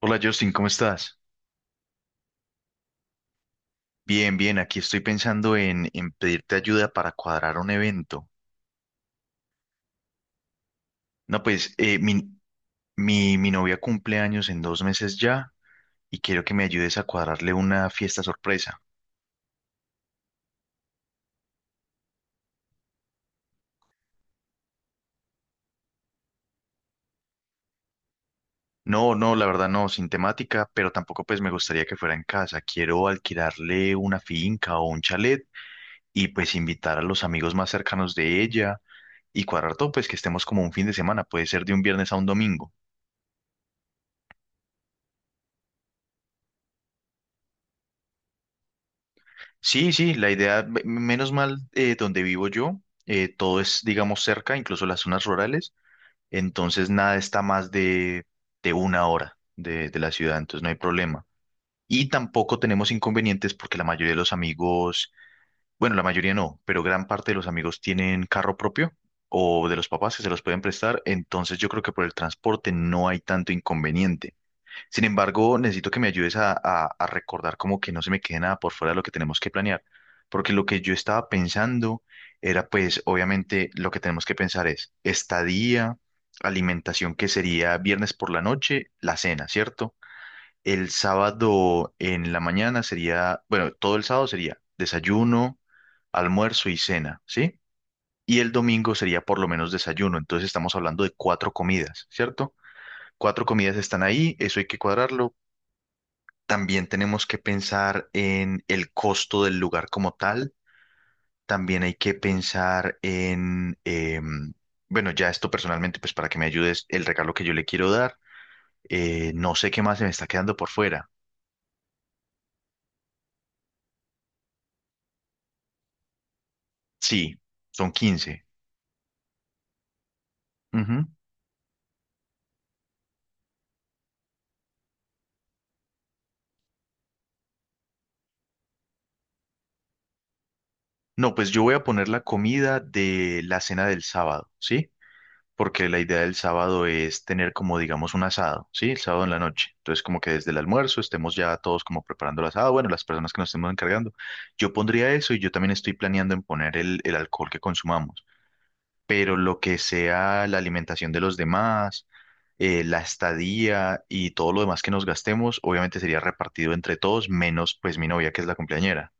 Hola Justin, ¿cómo estás? Bien, bien, aquí estoy pensando en pedirte ayuda para cuadrar un evento. No, pues mi novia cumple años en 2 meses ya y quiero que me ayudes a cuadrarle una fiesta sorpresa. No, no, la verdad no, sin temática, pero tampoco pues me gustaría que fuera en casa. Quiero alquilarle una finca o un chalet y pues invitar a los amigos más cercanos de ella y cuadrar todo, pues que estemos como un fin de semana, puede ser de un viernes a un domingo. Sí, sí, la idea, menos mal, donde vivo yo, todo es, digamos, cerca, incluso las zonas rurales, entonces nada está más de 1 hora de la ciudad, entonces no hay problema. Y tampoco tenemos inconvenientes porque la mayoría de los amigos, bueno, la mayoría no, pero gran parte de los amigos tienen carro propio o de los papás que se los pueden prestar, entonces yo creo que por el transporte no hay tanto inconveniente. Sin embargo, necesito que me ayudes a recordar como que no se me quede nada por fuera de lo que tenemos que planear, porque lo que yo estaba pensando era pues obviamente lo que tenemos que pensar es estadía, alimentación que sería viernes por la noche, la cena, ¿cierto? El sábado en la mañana sería, bueno, todo el sábado sería desayuno, almuerzo y cena, ¿sí? Y el domingo sería por lo menos desayuno, entonces estamos hablando de cuatro comidas, ¿cierto? Cuatro comidas están ahí, eso hay que cuadrarlo, también tenemos que pensar en el costo del lugar como tal. También hay que pensar en, bueno, ya esto personalmente, pues para que me ayudes, el regalo que yo le quiero dar. No sé qué más se me está quedando por fuera. Sí, son 15. Ujú. No, pues yo voy a poner la comida de la cena del sábado, ¿sí? Porque la idea del sábado es tener como, digamos, un asado, ¿sí? El sábado en la noche. Entonces, como que desde el almuerzo estemos ya todos como preparando el asado, bueno, las personas que nos estemos encargando. Yo pondría eso y yo también estoy planeando en poner el alcohol que consumamos, pero lo que sea la alimentación de los demás, la estadía y todo lo demás que nos gastemos, obviamente sería repartido entre todos, menos pues mi novia que es la cumpleañera.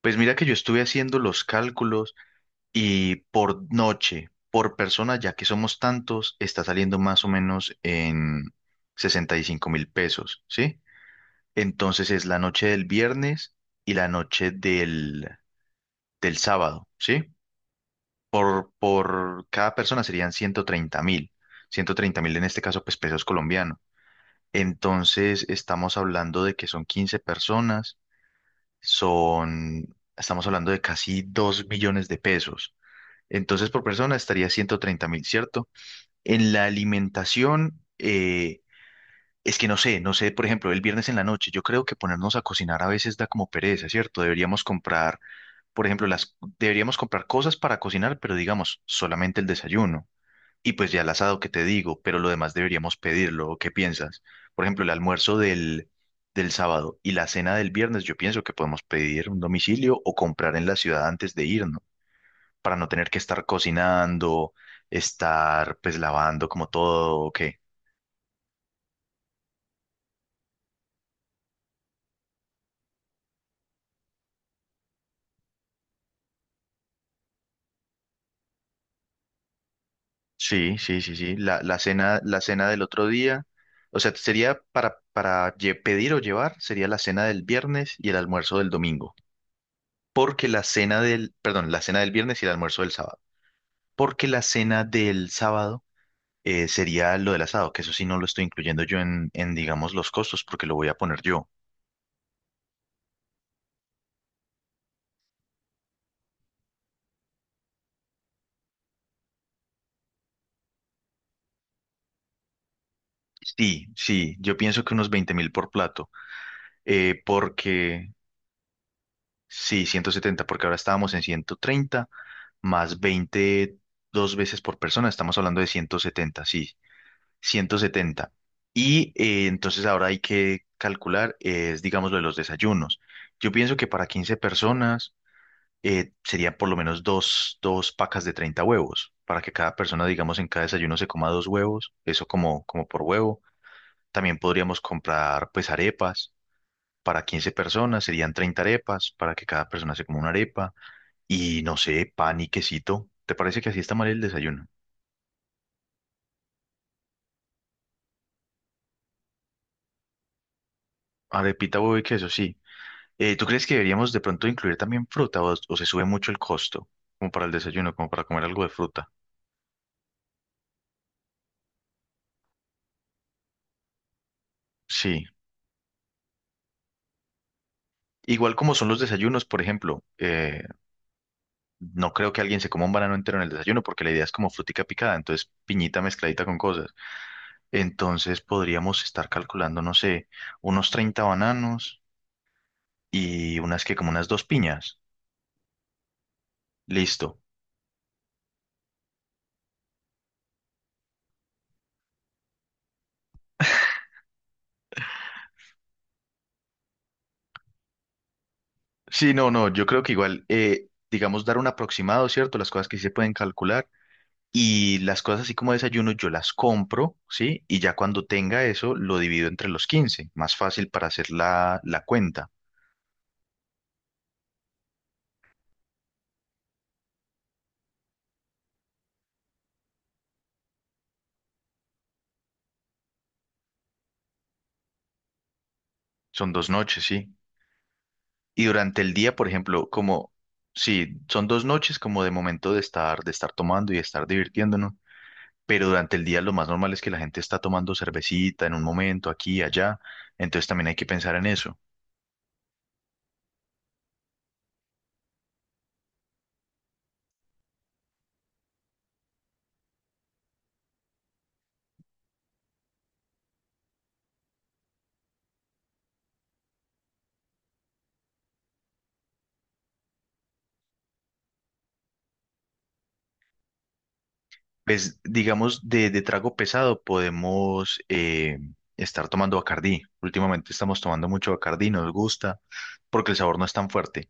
Pues mira que yo estuve haciendo los cálculos. Y por noche, por persona, ya que somos tantos, está saliendo más o menos en 65.000 pesos, ¿sí? Entonces es la noche del viernes y la noche del sábado, ¿sí? Por cada persona serían 130.000. Ciento treinta mil en este caso, pues pesos colombianos. Entonces estamos hablando de que son 15 personas, son, estamos hablando de casi 2 millones de pesos. Entonces por persona estaría 130.000, ¿cierto? En la alimentación, es que no sé, no sé, por ejemplo, el viernes en la noche, yo creo que ponernos a cocinar a veces da como pereza, ¿cierto? Deberíamos comprar, por ejemplo, las, deberíamos comprar cosas para cocinar, pero digamos, solamente el desayuno. Y pues ya el asado que te digo, pero lo demás deberíamos pedirlo. ¿O ¿Qué piensas? Por ejemplo, el almuerzo del sábado y la cena del viernes, yo pienso que podemos pedir un domicilio o comprar en la ciudad antes de irnos, para no tener que estar cocinando, estar pues lavando como todo, ¿o qué? Sí, sí, sí, sí. La cena del otro día, o sea, sería para, pedir o llevar, sería la cena del viernes y el almuerzo del domingo. Porque la cena del, perdón, la cena del viernes y el almuerzo del sábado. Porque la cena del sábado sería lo del asado, que eso sí no lo estoy incluyendo yo en, digamos, los costos, porque lo voy a poner yo. Sí, sí, yo pienso que unos 20.000 por plato. eh, porque, sí, 170 porque ahora estábamos en 130. Más 20 dos veces por persona, estamos hablando de 170, sí, ciento setenta. Y entonces ahora hay que calcular, es, digamos, lo de los desayunos. Yo pienso que para 15 personas, sería por lo menos dos pacas de 30 huevos, para que cada persona, digamos, en cada desayuno se coma dos huevos, eso como, como por huevo. También podríamos comprar, pues, arepas. Para 15 personas serían 30 arepas, para que cada persona se coma una arepa. Y no sé, pan y quesito. ¿Te parece que así está mal el desayuno? Arepita, huevo y queso, sí. ¿Tú crees que deberíamos de pronto incluir también fruta o se sube mucho el costo? Como para el desayuno, como para comer algo de fruta. Sí. Igual como son los desayunos, por ejemplo, no creo que alguien se coma un banano entero en el desayuno porque la idea es como frutica picada, entonces piñita mezcladita con cosas. Entonces podríamos estar calculando, no sé, unos 30 bananos y unas que como unas dos piñas. Listo. Sí, no, no, yo creo que igual, digamos, dar un aproximado, ¿cierto? Las cosas que sí se pueden calcular y las cosas así como desayuno yo las compro, ¿sí? Y ya cuando tenga eso lo divido entre los 15, más fácil para hacer la cuenta. Son 2 noches, ¿sí? Y durante el día, por ejemplo, como, sí, son 2 noches como de momento de estar tomando y de estar divirtiéndonos, pero durante el día lo más normal es que la gente está tomando cervecita en un momento, aquí y allá, entonces también hay que pensar en eso. Pues digamos, de trago pesado podemos estar tomando Bacardí. Últimamente estamos tomando mucho Bacardí, nos gusta, porque el sabor no es tan fuerte.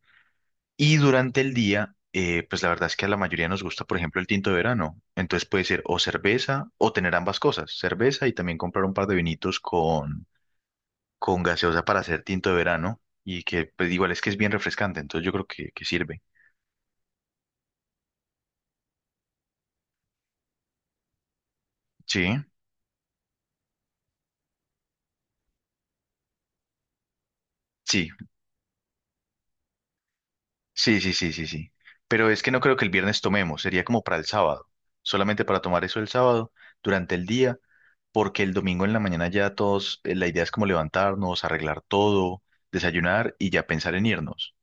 Y durante el día, pues la verdad es que a la mayoría nos gusta, por ejemplo, el tinto de verano. Entonces puede ser o cerveza o tener ambas cosas, cerveza y también comprar un par de vinitos con gaseosa para hacer tinto de verano. Y que pues igual es que es bien refrescante, entonces yo creo que sirve. Sí, sí, sí, sí, sí, sí, sí. Pero es que no creo que el viernes tomemos, sería como para el sábado, solamente para tomar eso el sábado durante el día, porque el domingo en la mañana ya todos, la idea es como levantarnos, arreglar todo, desayunar y ya pensar en irnos.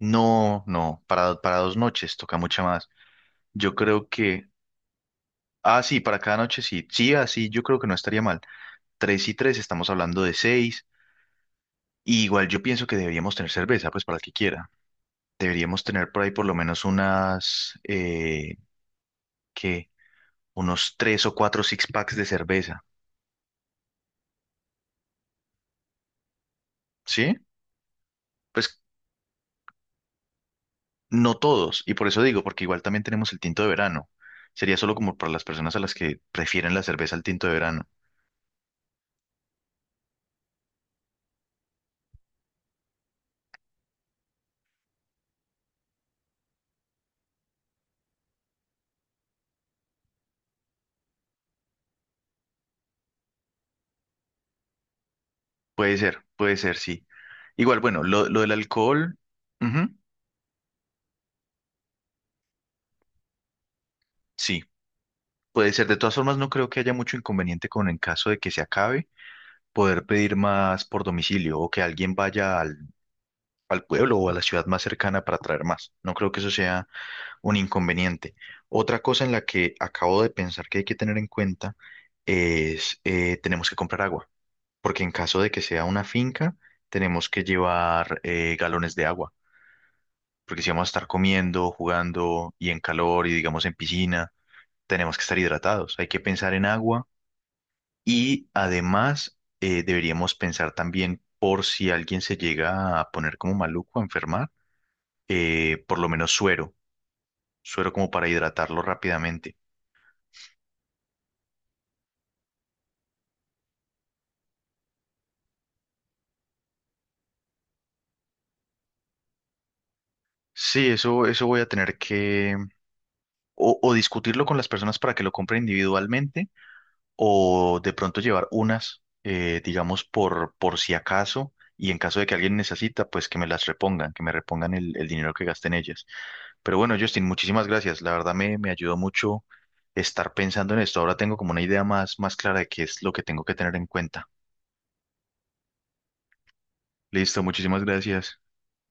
No, no, para 2 noches toca mucha más. Yo creo que, ah, sí, para cada noche sí, sí, así, yo creo que no estaría mal. Tres y tres, estamos hablando de seis, y igual yo pienso que deberíamos tener cerveza, pues para el que quiera. Deberíamos tener por ahí por lo menos unas que unos tres o cuatro six packs de cerveza, ¿sí? Pues no todos, y por eso digo, porque igual también tenemos el tinto de verano. Sería solo como para las personas a las que prefieren la cerveza al tinto de verano. Puede ser, sí. Igual, bueno, lo del alcohol, ujú, sí, puede ser. De todas formas, no creo que haya mucho inconveniente con en caso de que se acabe, poder pedir más por domicilio o que alguien vaya al pueblo o a la ciudad más cercana para traer más. No creo que eso sea un inconveniente. Otra cosa en la que acabo de pensar que hay que tener en cuenta es, tenemos que comprar agua, porque en caso de que sea una finca, tenemos que llevar galones de agua, porque si vamos a estar comiendo, jugando y en calor y digamos en piscina, tenemos que estar hidratados. Hay que pensar en agua y además deberíamos pensar también por si alguien se llega a poner como maluco, a enfermar, por lo menos suero, suero como para hidratarlo rápidamente. Sí, eso voy a tener que o discutirlo con las personas para que lo compren individualmente o de pronto llevar unas, digamos, por si acaso y en caso de que alguien necesita, pues que me las repongan, que me repongan el dinero que gasté en ellas. Pero bueno, Justin, muchísimas gracias. La verdad me ayudó mucho estar pensando en esto. Ahora tengo como una idea más, más clara de qué es lo que tengo que tener en cuenta. Listo, muchísimas gracias.